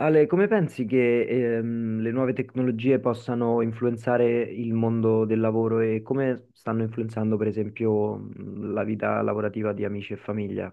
Ale, come pensi che le nuove tecnologie possano influenzare il mondo del lavoro e come stanno influenzando, per esempio, la vita lavorativa di amici e famiglia?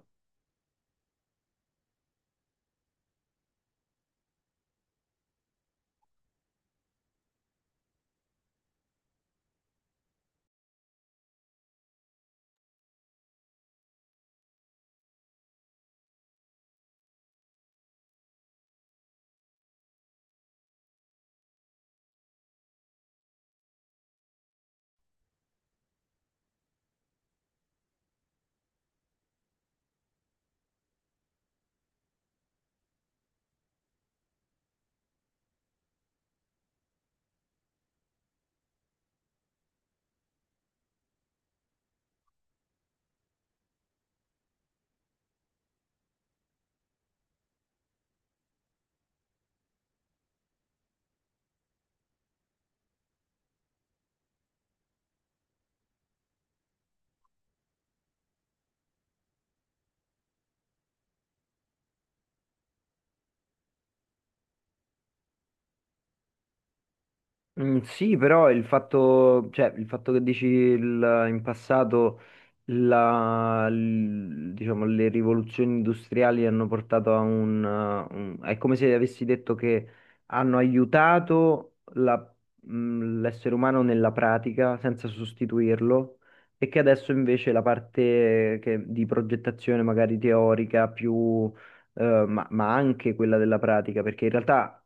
Mm, sì, però il fatto, cioè, il fatto che dici in passato diciamo, le rivoluzioni industriali hanno portato a è come se avessi detto che hanno aiutato l'essere umano nella pratica senza sostituirlo, e che adesso invece la di progettazione magari teorica più... ma anche quella della pratica, perché in realtà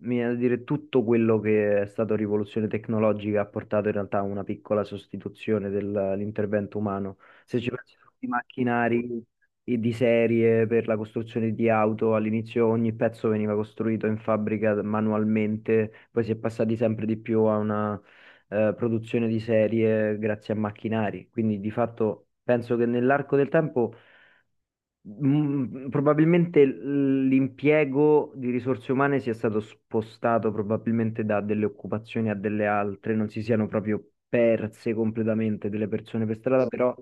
mi viene da dire tutto quello che è stato rivoluzione tecnologica ha portato in realtà a una piccola sostituzione dell'intervento umano. Se ci pensi tutti i macchinari di serie per la costruzione di auto, all'inizio ogni pezzo veniva costruito in fabbrica manualmente, poi si è passati sempre di più a una produzione di serie grazie a macchinari. Quindi di fatto penso che nell'arco del tempo probabilmente l'impiego di risorse umane sia stato spostato probabilmente da delle occupazioni a delle altre, non si siano proprio perse completamente delle persone per strada, però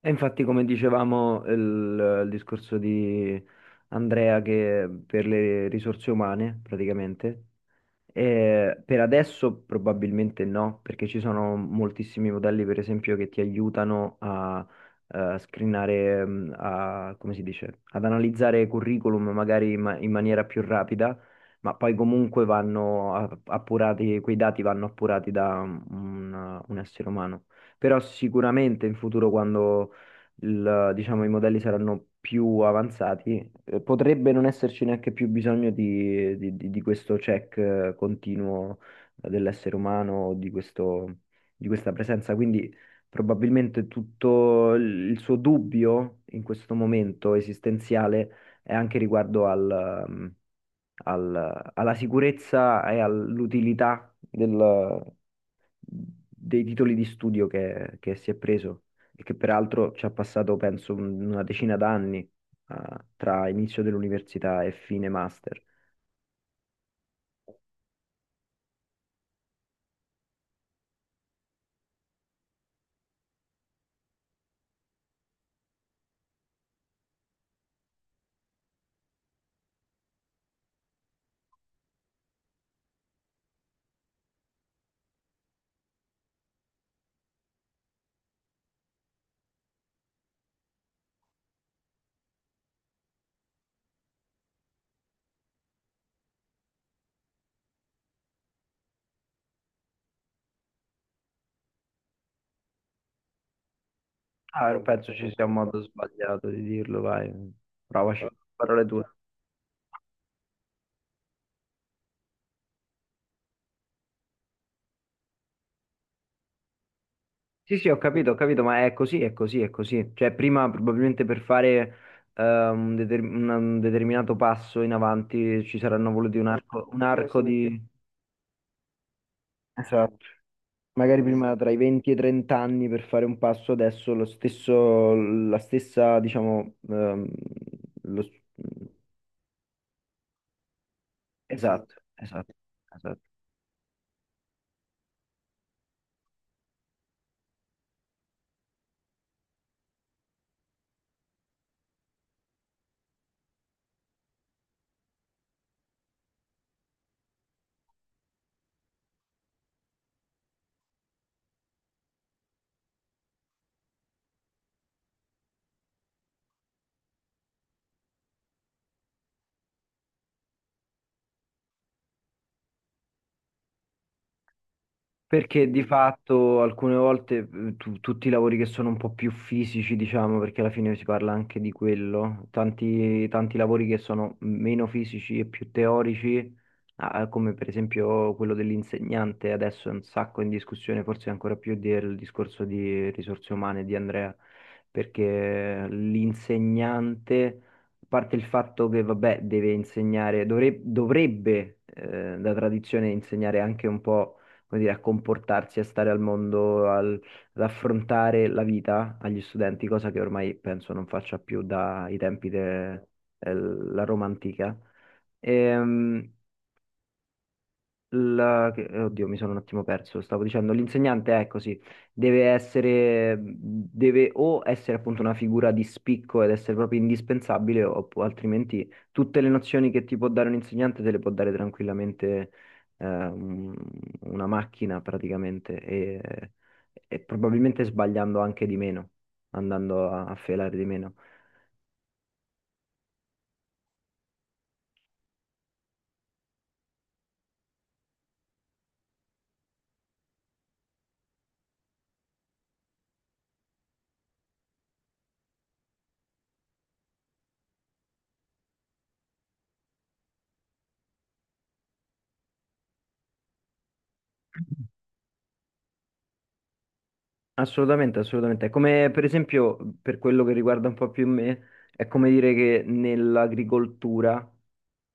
e infatti, come dicevamo, il discorso di Andrea che per le risorse umane praticamente, eh, per adesso probabilmente no, perché ci sono moltissimi modelli, per esempio, che ti aiutano screenare, a, come si dice, ad analizzare curriculum magari in maniera più rapida, ma poi comunque appurati, quei dati vanno appurati da un essere umano. Però sicuramente in futuro, quando diciamo, i modelli saranno più avanzati, potrebbe non esserci neanche più bisogno di questo check continuo dell'essere umano, di di questa presenza. Quindi probabilmente tutto il suo dubbio in questo momento esistenziale è anche riguardo alla sicurezza e all'utilità dei titoli di studio che si è preso e che peraltro ci ha passato, penso, una decina d'anni, ah, tra inizio dell'università e fine master. Ah, non penso ci sia un modo sbagliato di dirlo, vai, provaci, parole tue. Sì, sì, ho capito, ma è così, è così, è così. Cioè, prima probabilmente per fare un determinato passo in avanti ci saranno voluti un arco di... Esatto. Magari prima tra i 20 e i 30 anni per fare un passo, adesso lo stesso, la stessa, diciamo, lo- esatto, esatto, esatto. Perché di fatto alcune volte, tutti i lavori che sono un po' più fisici, diciamo, perché alla fine si parla anche di quello, tanti, tanti lavori che sono meno fisici e più teorici, ah, come per esempio quello dell'insegnante, adesso è un sacco in discussione, forse ancora più del discorso di risorse umane di Andrea, perché l'insegnante, a parte il fatto che, vabbè, deve insegnare, dovrebbe, da tradizione, insegnare anche un po', come dire, a comportarsi, a stare al mondo, ad affrontare la vita agli studenti, cosa che ormai penso non faccia più dai tempi della Roma antica. Ehm, Oddio, mi sono un attimo perso. Stavo dicendo, l'insegnante è così, deve essere, deve o essere appunto una figura di spicco ed essere proprio indispensabile, altrimenti tutte le nozioni che ti può dare un insegnante te le può dare tranquillamente eh, un- una macchina praticamente, e probabilmente sbagliando anche di meno, andando a, a felare di meno. Assolutamente, assolutamente. È come per esempio, per quello che riguarda un po' più me, è come dire che nell'agricoltura,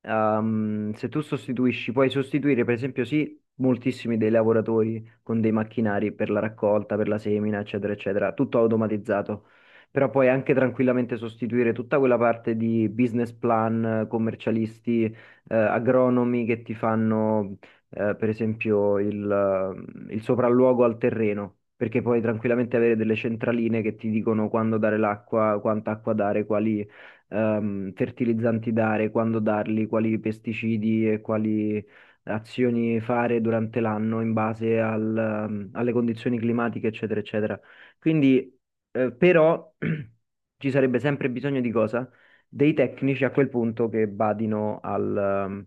se tu sostituisci, puoi sostituire per esempio, sì, moltissimi dei lavoratori con dei macchinari per la raccolta, per la semina, eccetera, eccetera, tutto automatizzato, però puoi anche tranquillamente sostituire tutta quella parte di business plan, commercialisti, agronomi che ti fanno, per esempio il sopralluogo al terreno, perché puoi tranquillamente avere delle centraline che ti dicono quando dare l'acqua, quanta acqua dare, quali, fertilizzanti dare, quando darli, quali pesticidi e quali azioni fare durante l'anno in base alle condizioni climatiche, eccetera, eccetera. Quindi, però, ci sarebbe sempre bisogno di cosa? Dei tecnici a quel punto che badino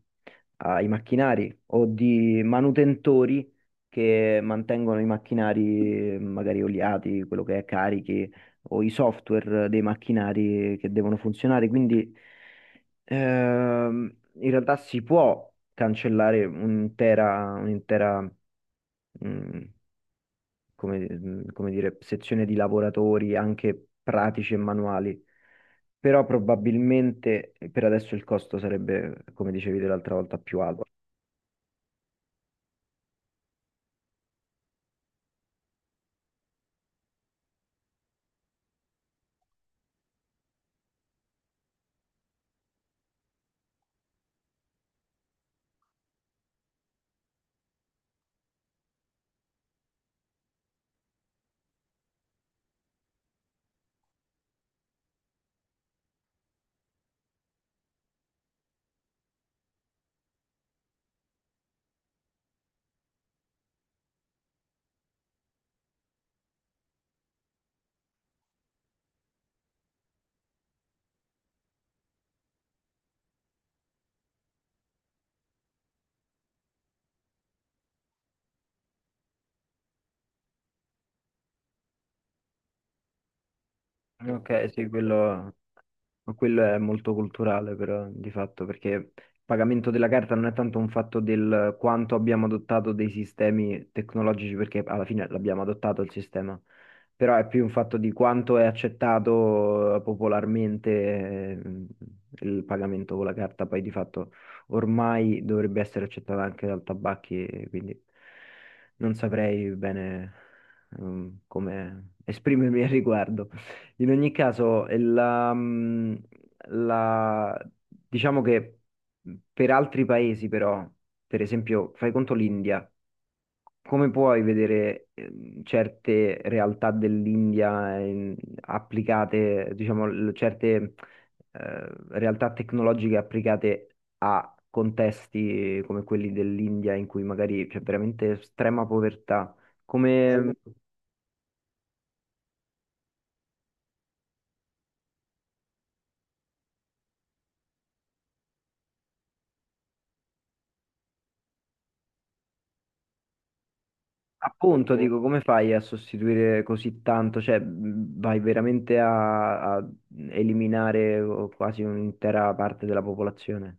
ai macchinari, o di manutentori che mantengono i macchinari, magari oliati, quello che è, carichi, o i software dei macchinari che devono funzionare. Quindi, in realtà si può cancellare un'intera, mm, come dire, sezione di lavoratori anche pratici e manuali, però probabilmente, per adesso il costo sarebbe, come dicevi te l'altra volta, più alto. Ok, sì, quello. Ma quello è molto culturale, però, di fatto, perché il pagamento della carta non è tanto un fatto del quanto abbiamo adottato dei sistemi tecnologici, perché alla fine l'abbiamo adottato il sistema, però è più un fatto di quanto è accettato, popolarmente, eh, il pagamento con la carta. Poi, di fatto, ormai dovrebbe essere accettata anche dal tabacchi, quindi non saprei bene, come esprimermi al riguardo. In ogni caso, la- diciamo che per altri paesi però, per esempio, fai conto l'India, come puoi vedere, certe realtà dell'India, applicate, diciamo, certe, realtà tecnologiche applicate a contesti come quelli dell'India in cui magari c'è veramente estrema povertà? Come, appunto, mm, dico, come fai a sostituire così tanto? Cioè, vai veramente a, a eliminare quasi un'intera parte della popolazione?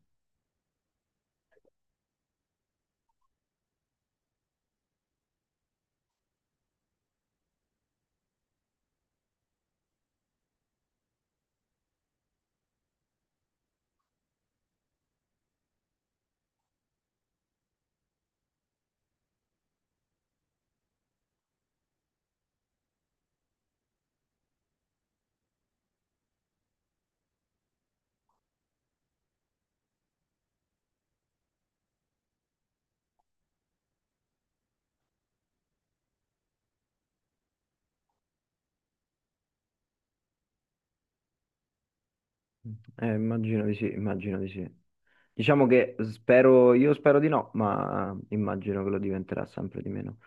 Immagino di sì, immagino di sì. Diciamo che spero, io spero di no, ma immagino che lo diventerà sempre di meno.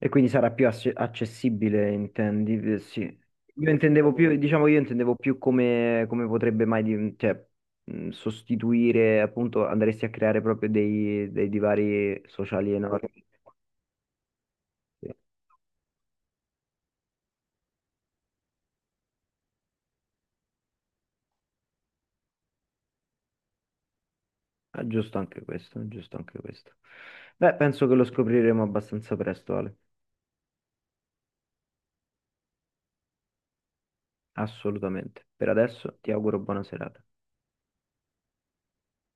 E quindi sarà più accessibile, intendi? Sì. Io intendevo più, diciamo, io intendevo più come, come potrebbe mai, cioè, sostituire, appunto, andresti a creare proprio dei divari sociali enormi. Sì. Ah, giusto anche questo, giusto anche questo. Beh, penso che lo scopriremo abbastanza presto, Ale. Assolutamente. Per adesso ti auguro buona serata.